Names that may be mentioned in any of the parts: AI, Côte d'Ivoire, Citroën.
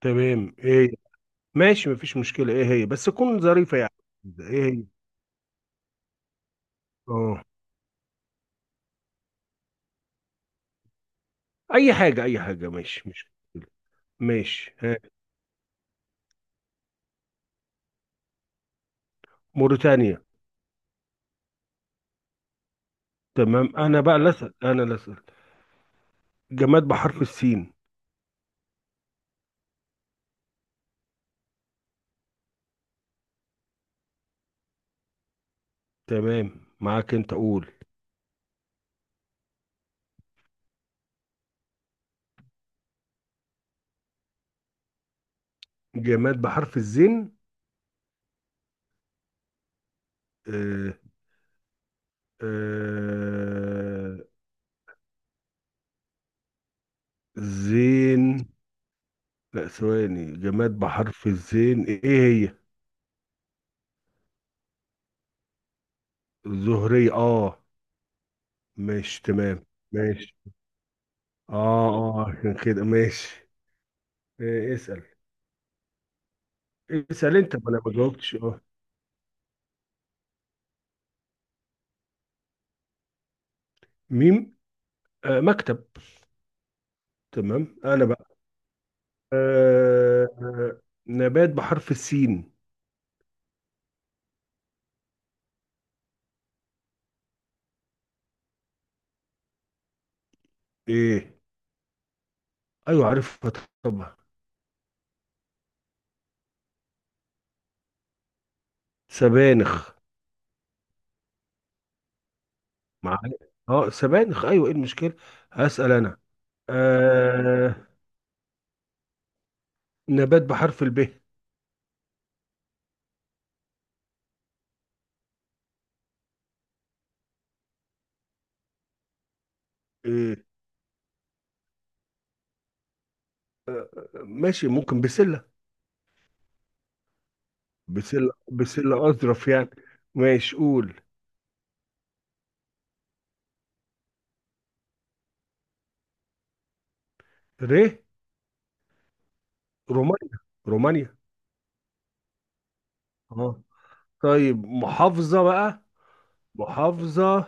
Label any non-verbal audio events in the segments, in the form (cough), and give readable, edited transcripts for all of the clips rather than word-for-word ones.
تمام، ايه؟ ماشي، مفيش مشكلة، ايه هي بس تكون ظريفة يعني. ايه هي؟ اه، اي حاجة اي حاجة ماشي، مش مشكلة. ماشي، ها. موريتانيا. تمام، انا بقى اللي اسال، انا اللي اسال. جماد بحرف السين. تمام معاك، انت قول. جماد بحرف الزين. آه آه، زين. لا ثواني، جماد بحرف الزين ايه هي؟ زهرية، اه. ماشي تمام، ماشي. اه، اه عشان كده ماشي. إيه، اسأل. اسأل انت، ما انا ما جاوبتش. اه، ميم. آه، مكتب. تمام، انا بقى. نبات بحرف السين. ايه. ايوه عارفها، طبعا. سبانخ. مع. اه سبانخ، ايوه، ايه المشكلة؟ هسأل انا. آه، نبات بحرف الب. ايه؟ ماشي، ممكن بسلة. بسلة، بسلة اظرف يعني. ماشي، قول. ر. رومانيا. رومانيا. اه. طيب محافظة بقى. محافظة،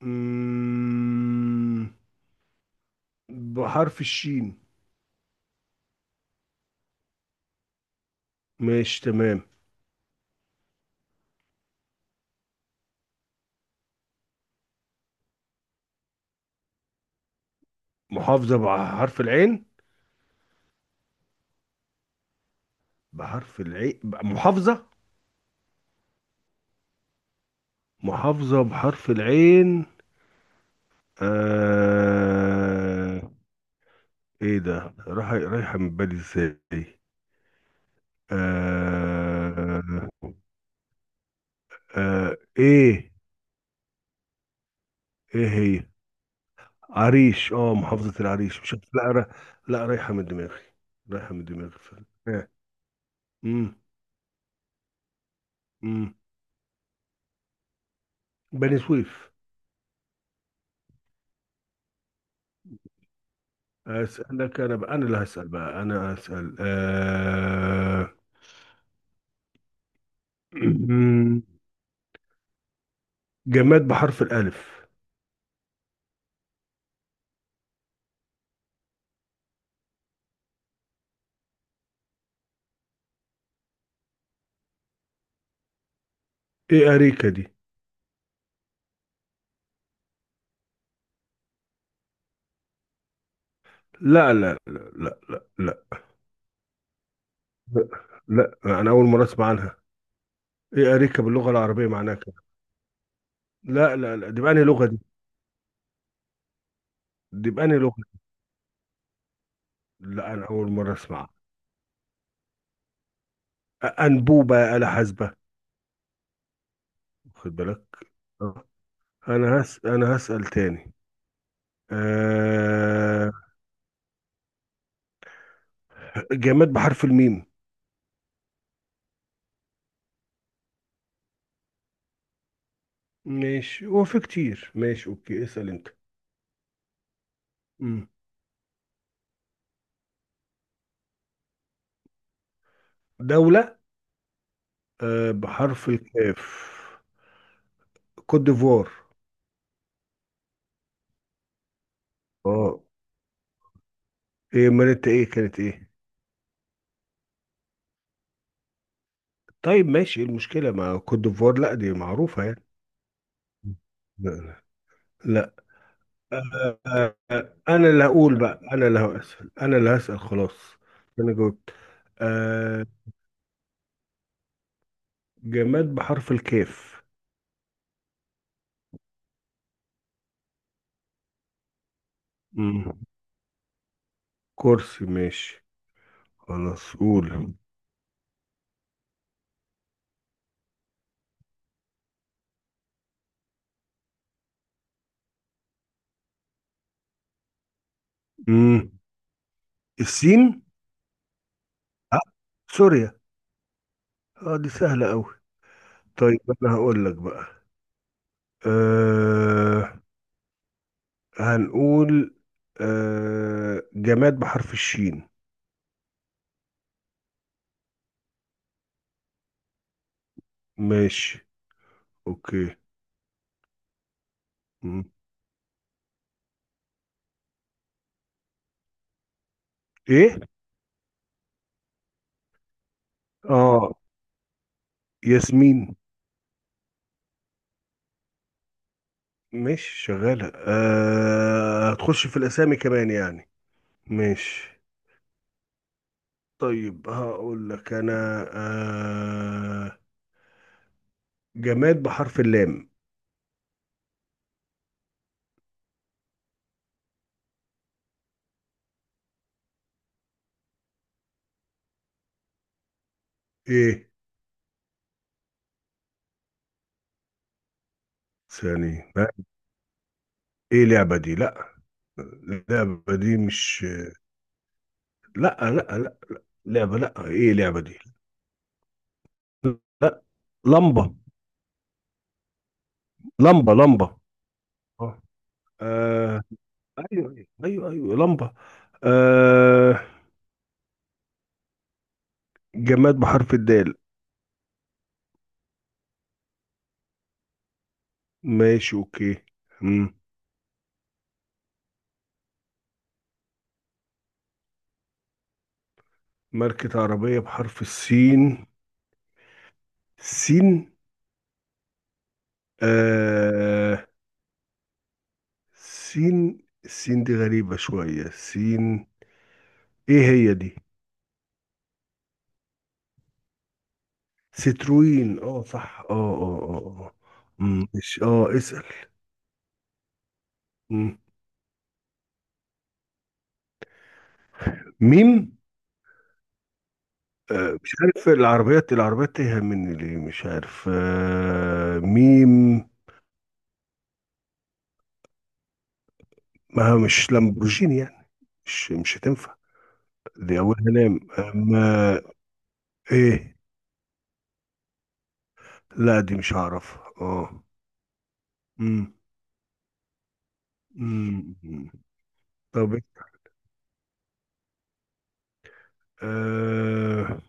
مم، بحرف الشين. ماشي تمام. محافظة بحرف العين. بحرف العين، محافظة. محافظة بحرف العين. آه... ايه ده، راح، رايحة من بالي ازاي؟ آه... ايه ايه هي؟ عريش، اه محافظة العريش. مش لا را... لا رايحة من دماغي. رايحة من دماغي فعلا، آه. مم. مم. بني سويف. أسألك أنا بقى، أنا اللي هسأل بقى، أنا هسأل. (clears throat) جماد بحرف الألف. إيه أريكة دي؟ لا لا لا لا. لا لا لا، أنا أول مرة أسمع عنها. إيه، أريكة باللغة العربية معناها كده؟ لا لا لا، دي بأنهي لغة دي؟ دي بأنهي لغة؟ لا أنا أول مرة أسمعها. أ- أنبوبة يا آلة حاسبة. خد بالك. أه. أنا هسأل تاني. أه... جماد بحرف الميم. ماشي هو في كتير، ماشي أوكي اسأل أنت. مم. دولة، آه، بحرف الكاف. كوت ديفوار. اه. ايه امال انت، ايه كانت ايه؟ طيب ماشي، ايه المشكلة مع كوت ديفوار؟ لا دي معروفة يعني. لا لا. انا اللي هقول بقى، انا اللي هسأل، انا اللي هسأل خلاص. انا جاوبت. آه، جماد بحرف الكاف. مم. كرسي ماشي. خلاص قول. مم. السين. آه، سوريا. اه دي سهلة قوي. طيب انا هقول لك بقى. أه، هنقول، أه، جماد بحرف الشين. ماشي اوكي. مم. ايه. اه، ياسمين. ماشي شغالة، أه هتخش في الاسامي كمان يعني. ماشي. طيب هقول لك انا. أه، جماد بحرف اللام. ايه؟ ثاني لا. ايه لعبة دي؟ لا. اللعبة دي مش. لا لا لا، لعبة لا، ايه لعبة دي؟ لا. لمبة. لمبة، لمبة. اه، آه، ايوه ايوه ايوه لمبة. آه، جماد بحرف الدال. ماشي اوكي. مم. ماركة عربية بحرف السين. سين. آه، سين، السين دي غريبة شوية، سين. ايه هي دي؟ ستروين. اه صح، اه اه اه آه. مم، مش اه اسأل. مم. ميم. آه، مش عارف، العربيات العربيات تايهة مني ليه؟ مش عارف، آه، ميم. ما هو مش لامبورجيني يعني؟ مش، مش هتنفع. دي أولها لام أما. إيه. لا دي مش هعرف، اه. مم. مم. مم. طب إيه؟ آه،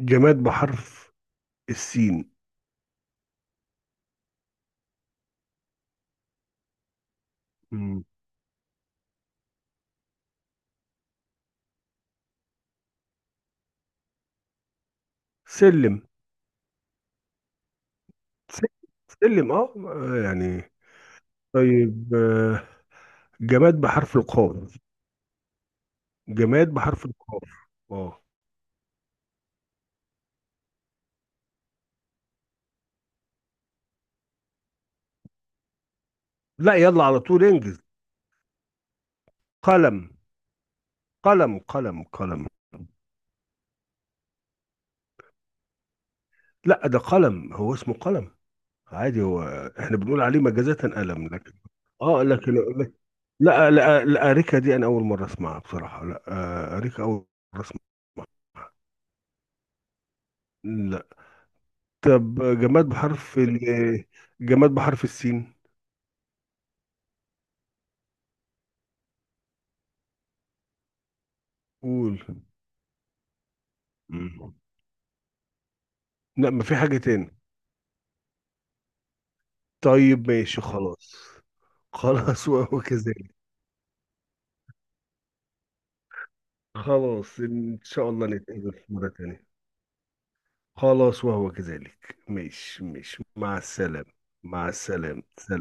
جماد بحرف السين. مم. سلم. سلم. سلم، اه، آه، يعني. طيب، آه، جماد بحرف القاف. جماد بحرف القاف. اه. لا يلا على طول انجز. قلم. قلم، قلم، قلم. لا ده قلم، هو اسمه قلم عادي هو. احنا بنقول عليه مجازة قلم، لكن، اه لكن. لا لا لا، اريكا دي انا اول مرة اسمعها بصراحة، لا. آه، اريكا اول مرة اسمعها. لا. طب جماد بحرف ال، جماد بحرف السين. قول. مم. لا، ما في حاجة تاني. طيب ماشي خلاص. خلاص (laughs) وهو كذلك. خلاص ان شاء الله نتقابل في مرة تانية. خلاص وهو كذلك، ماشي ماشي مع السلامة. مع السلامة، سلام.